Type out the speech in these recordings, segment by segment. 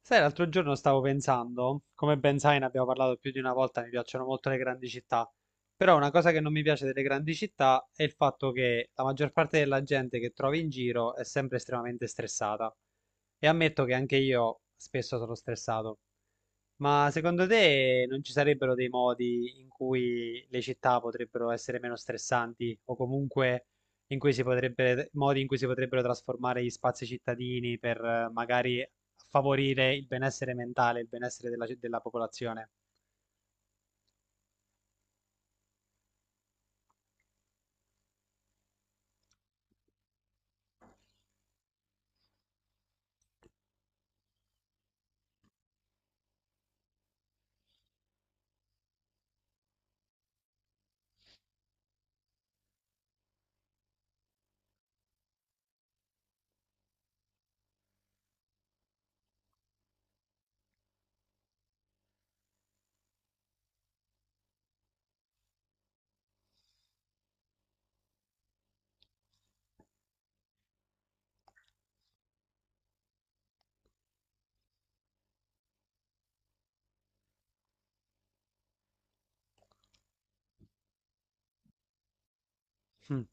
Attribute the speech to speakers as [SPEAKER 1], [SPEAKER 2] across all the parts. [SPEAKER 1] Sai, l'altro giorno stavo pensando, come ben sai, ne abbiamo parlato più di una volta, mi piacciono molto le grandi città, però una cosa che non mi piace delle grandi città è il fatto che la maggior parte della gente che trovi in giro è sempre estremamente stressata. E ammetto che anche io spesso sono stressato. Ma secondo te non ci sarebbero dei modi in cui le città potrebbero essere meno stressanti o comunque in cui si potrebbe, modi in cui si potrebbero trasformare gli spazi cittadini per magari favorire il benessere mentale, il benessere della popolazione. Mm.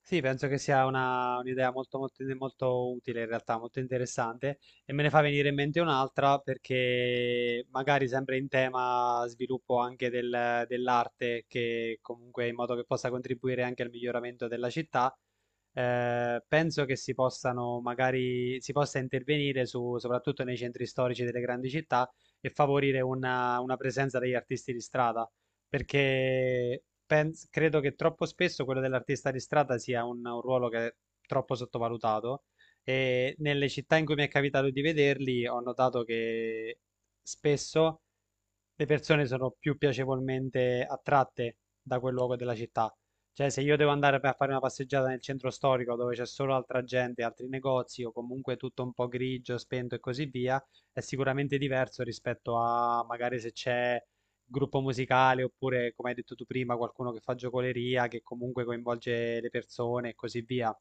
[SPEAKER 1] Sì, penso che sia un'idea molto, molto, molto utile in realtà, molto interessante e me ne fa venire in mente un'altra perché magari sempre in tema sviluppo anche dell'arte che comunque in modo che possa contribuire anche al miglioramento della città, penso che si possano magari, si possa intervenire su, soprattutto nei centri storici delle grandi città e favorire una presenza degli artisti di strada perché credo che troppo spesso quello dell'artista di strada sia un ruolo che è troppo sottovalutato e nelle città in cui mi è capitato di vederli ho notato che spesso le persone sono più piacevolmente attratte da quel luogo della città. Cioè, se io devo andare per fare una passeggiata nel centro storico dove c'è solo altra gente, altri negozi o comunque tutto un po' grigio, spento e così via, è sicuramente diverso rispetto a magari se c'è gruppo musicale oppure, come hai detto tu prima, qualcuno che fa giocoleria, che comunque coinvolge le persone e così via.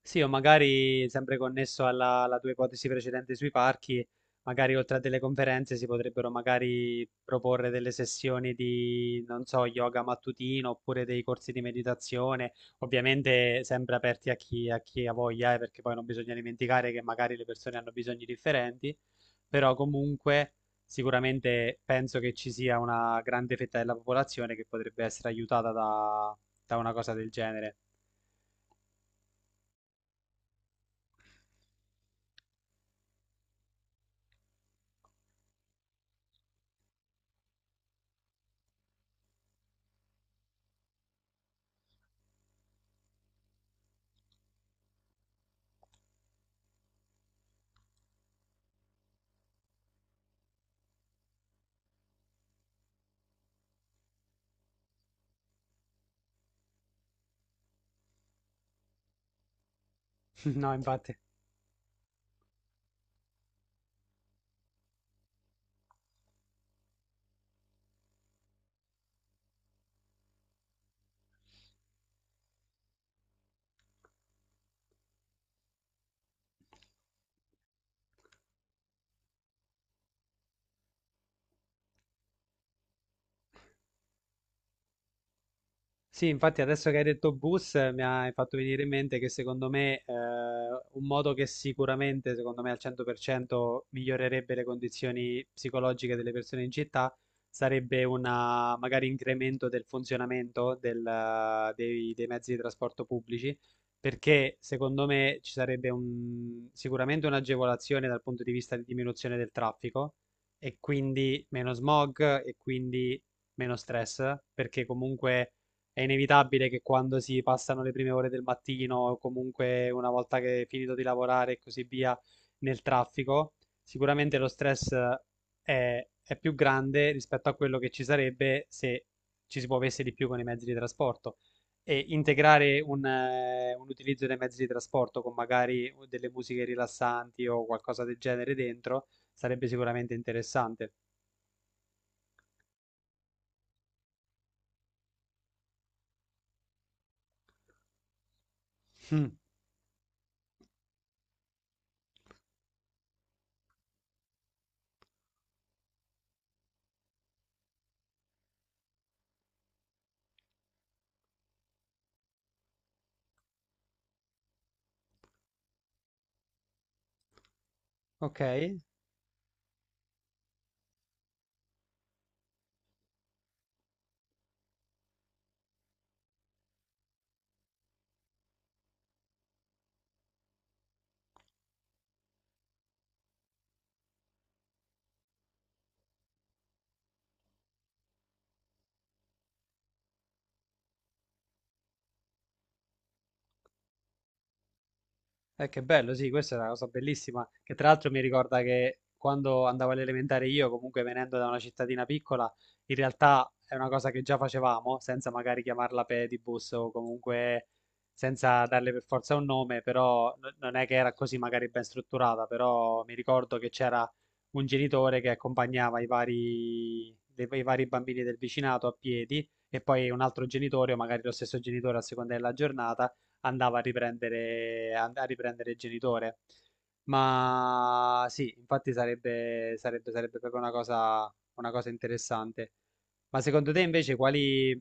[SPEAKER 1] Sì, o magari sempre connesso alla tua ipotesi precedente sui parchi, magari oltre a delle conferenze si potrebbero magari proporre delle sessioni di, non so, yoga mattutino oppure dei corsi di meditazione, ovviamente sempre aperti a chi ha voglia, perché poi non bisogna dimenticare che magari le persone hanno bisogni differenti, però comunque sicuramente penso che ci sia una grande fetta della popolazione che potrebbe essere aiutata da una cosa del genere. No, infatti. Sì, infatti adesso che hai detto bus mi hai fatto venire in mente che secondo me un modo che sicuramente, secondo me al 100% migliorerebbe le condizioni psicologiche delle persone in città sarebbe una magari incremento del funzionamento dei, dei mezzi di trasporto pubblici, perché secondo me ci sarebbe sicuramente un'agevolazione dal punto di vista di diminuzione del traffico e quindi meno smog e quindi meno stress, perché comunque è inevitabile che quando si passano le prime ore del mattino, o comunque una volta che è finito di lavorare e così via, nel traffico, sicuramente lo stress è più grande rispetto a quello che ci sarebbe se ci si muovesse di più con i mezzi di trasporto. E integrare un utilizzo dei mezzi di trasporto con magari delle musiche rilassanti o qualcosa del genere dentro sarebbe sicuramente interessante. Mm. Ok. Che bello, sì, questa è una cosa bellissima, che tra l'altro mi ricorda che quando andavo all'elementare io, comunque venendo da una cittadina piccola, in realtà è una cosa che già facevamo, senza magari chiamarla pedibus o comunque senza darle per forza un nome, però non è che era così magari ben strutturata, però mi ricordo che c'era un genitore che accompagnava i vari, i vari bambini del vicinato a piedi e poi un altro genitore o magari lo stesso genitore a seconda della giornata andava a riprendere, a riprendere il genitore. Ma sì, infatti sarebbe, sarebbe, sarebbe proprio una cosa interessante. Ma secondo te invece quali,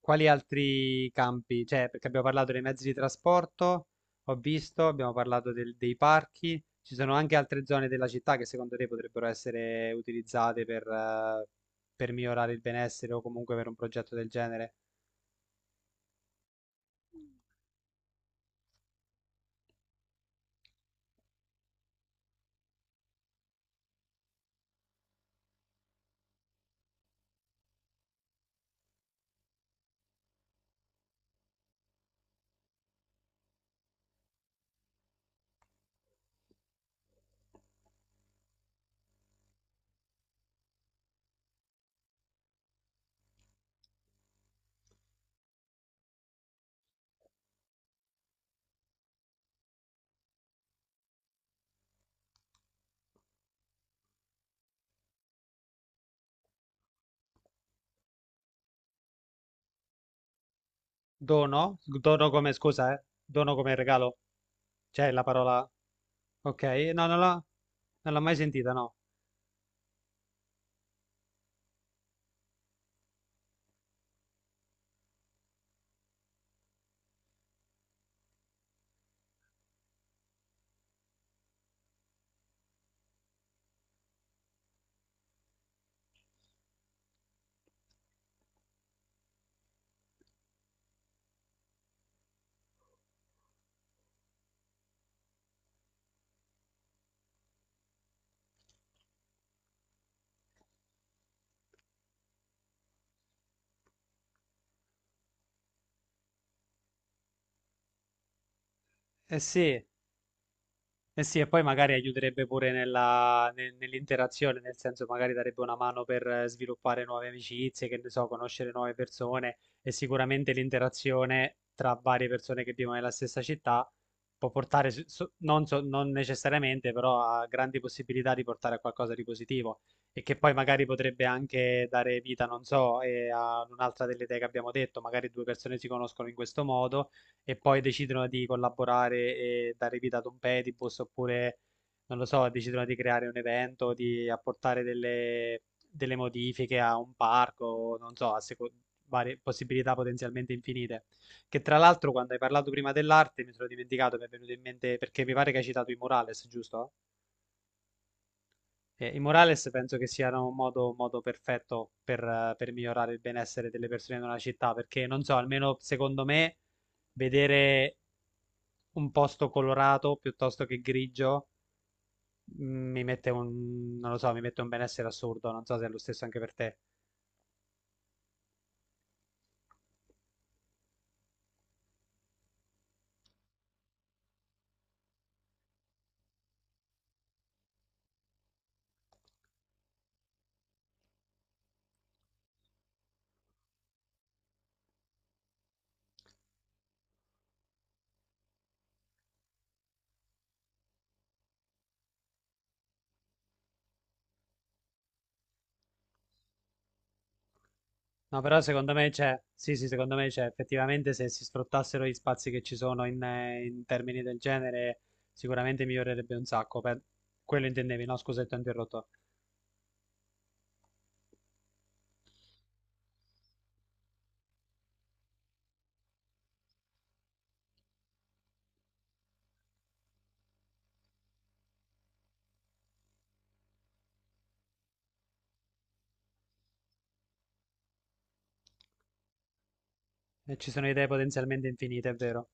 [SPEAKER 1] quali altri campi? Cioè, perché abbiamo parlato dei mezzi di trasporto, ho visto, abbiamo parlato dei parchi, ci sono anche altre zone della città che secondo te potrebbero essere utilizzate per migliorare il benessere o comunque per un progetto del genere? Dono? Dono come scusa, eh? Dono come regalo? C'è la parola... Ok, no, non l'ho mai sentita, no. Eh sì, eh sì, e poi magari aiuterebbe pure nell'interazione, nel senso magari darebbe una mano per sviluppare nuove amicizie, che ne so, conoscere nuove persone e sicuramente l'interazione tra varie persone che vivono nella stessa città può portare, non, non necessariamente, però a grandi possibilità di portare a qualcosa di positivo e che poi magari potrebbe anche dare vita, non so, a un'altra delle idee che abbiamo detto, magari due persone si conoscono in questo modo e poi decidono di collaborare e dare vita ad un Platypus oppure, non lo so, decidono di creare un evento, di apportare delle, delle modifiche a un parco, non so, varie possibilità potenzialmente infinite. Che tra l'altro, quando hai parlato prima dell'arte, mi sono dimenticato, mi è venuto in mente perché mi pare che hai citato i Morales, giusto? I Morales penso che siano un modo perfetto per migliorare il benessere delle persone in una città, perché non so, almeno secondo me, vedere un posto colorato piuttosto che grigio mm, mi mette un, non lo so, mi mette un benessere assurdo, non so se è lo stesso anche per te. No, però secondo me c'è, sì, sì, secondo me c'è, effettivamente se si sfruttassero gli spazi che ci sono in, in termini del genere, sicuramente migliorerebbe un sacco. Per... Quello intendevi, no? Scusa, ti ho interrotto. Ci sono idee potenzialmente infinite, è vero.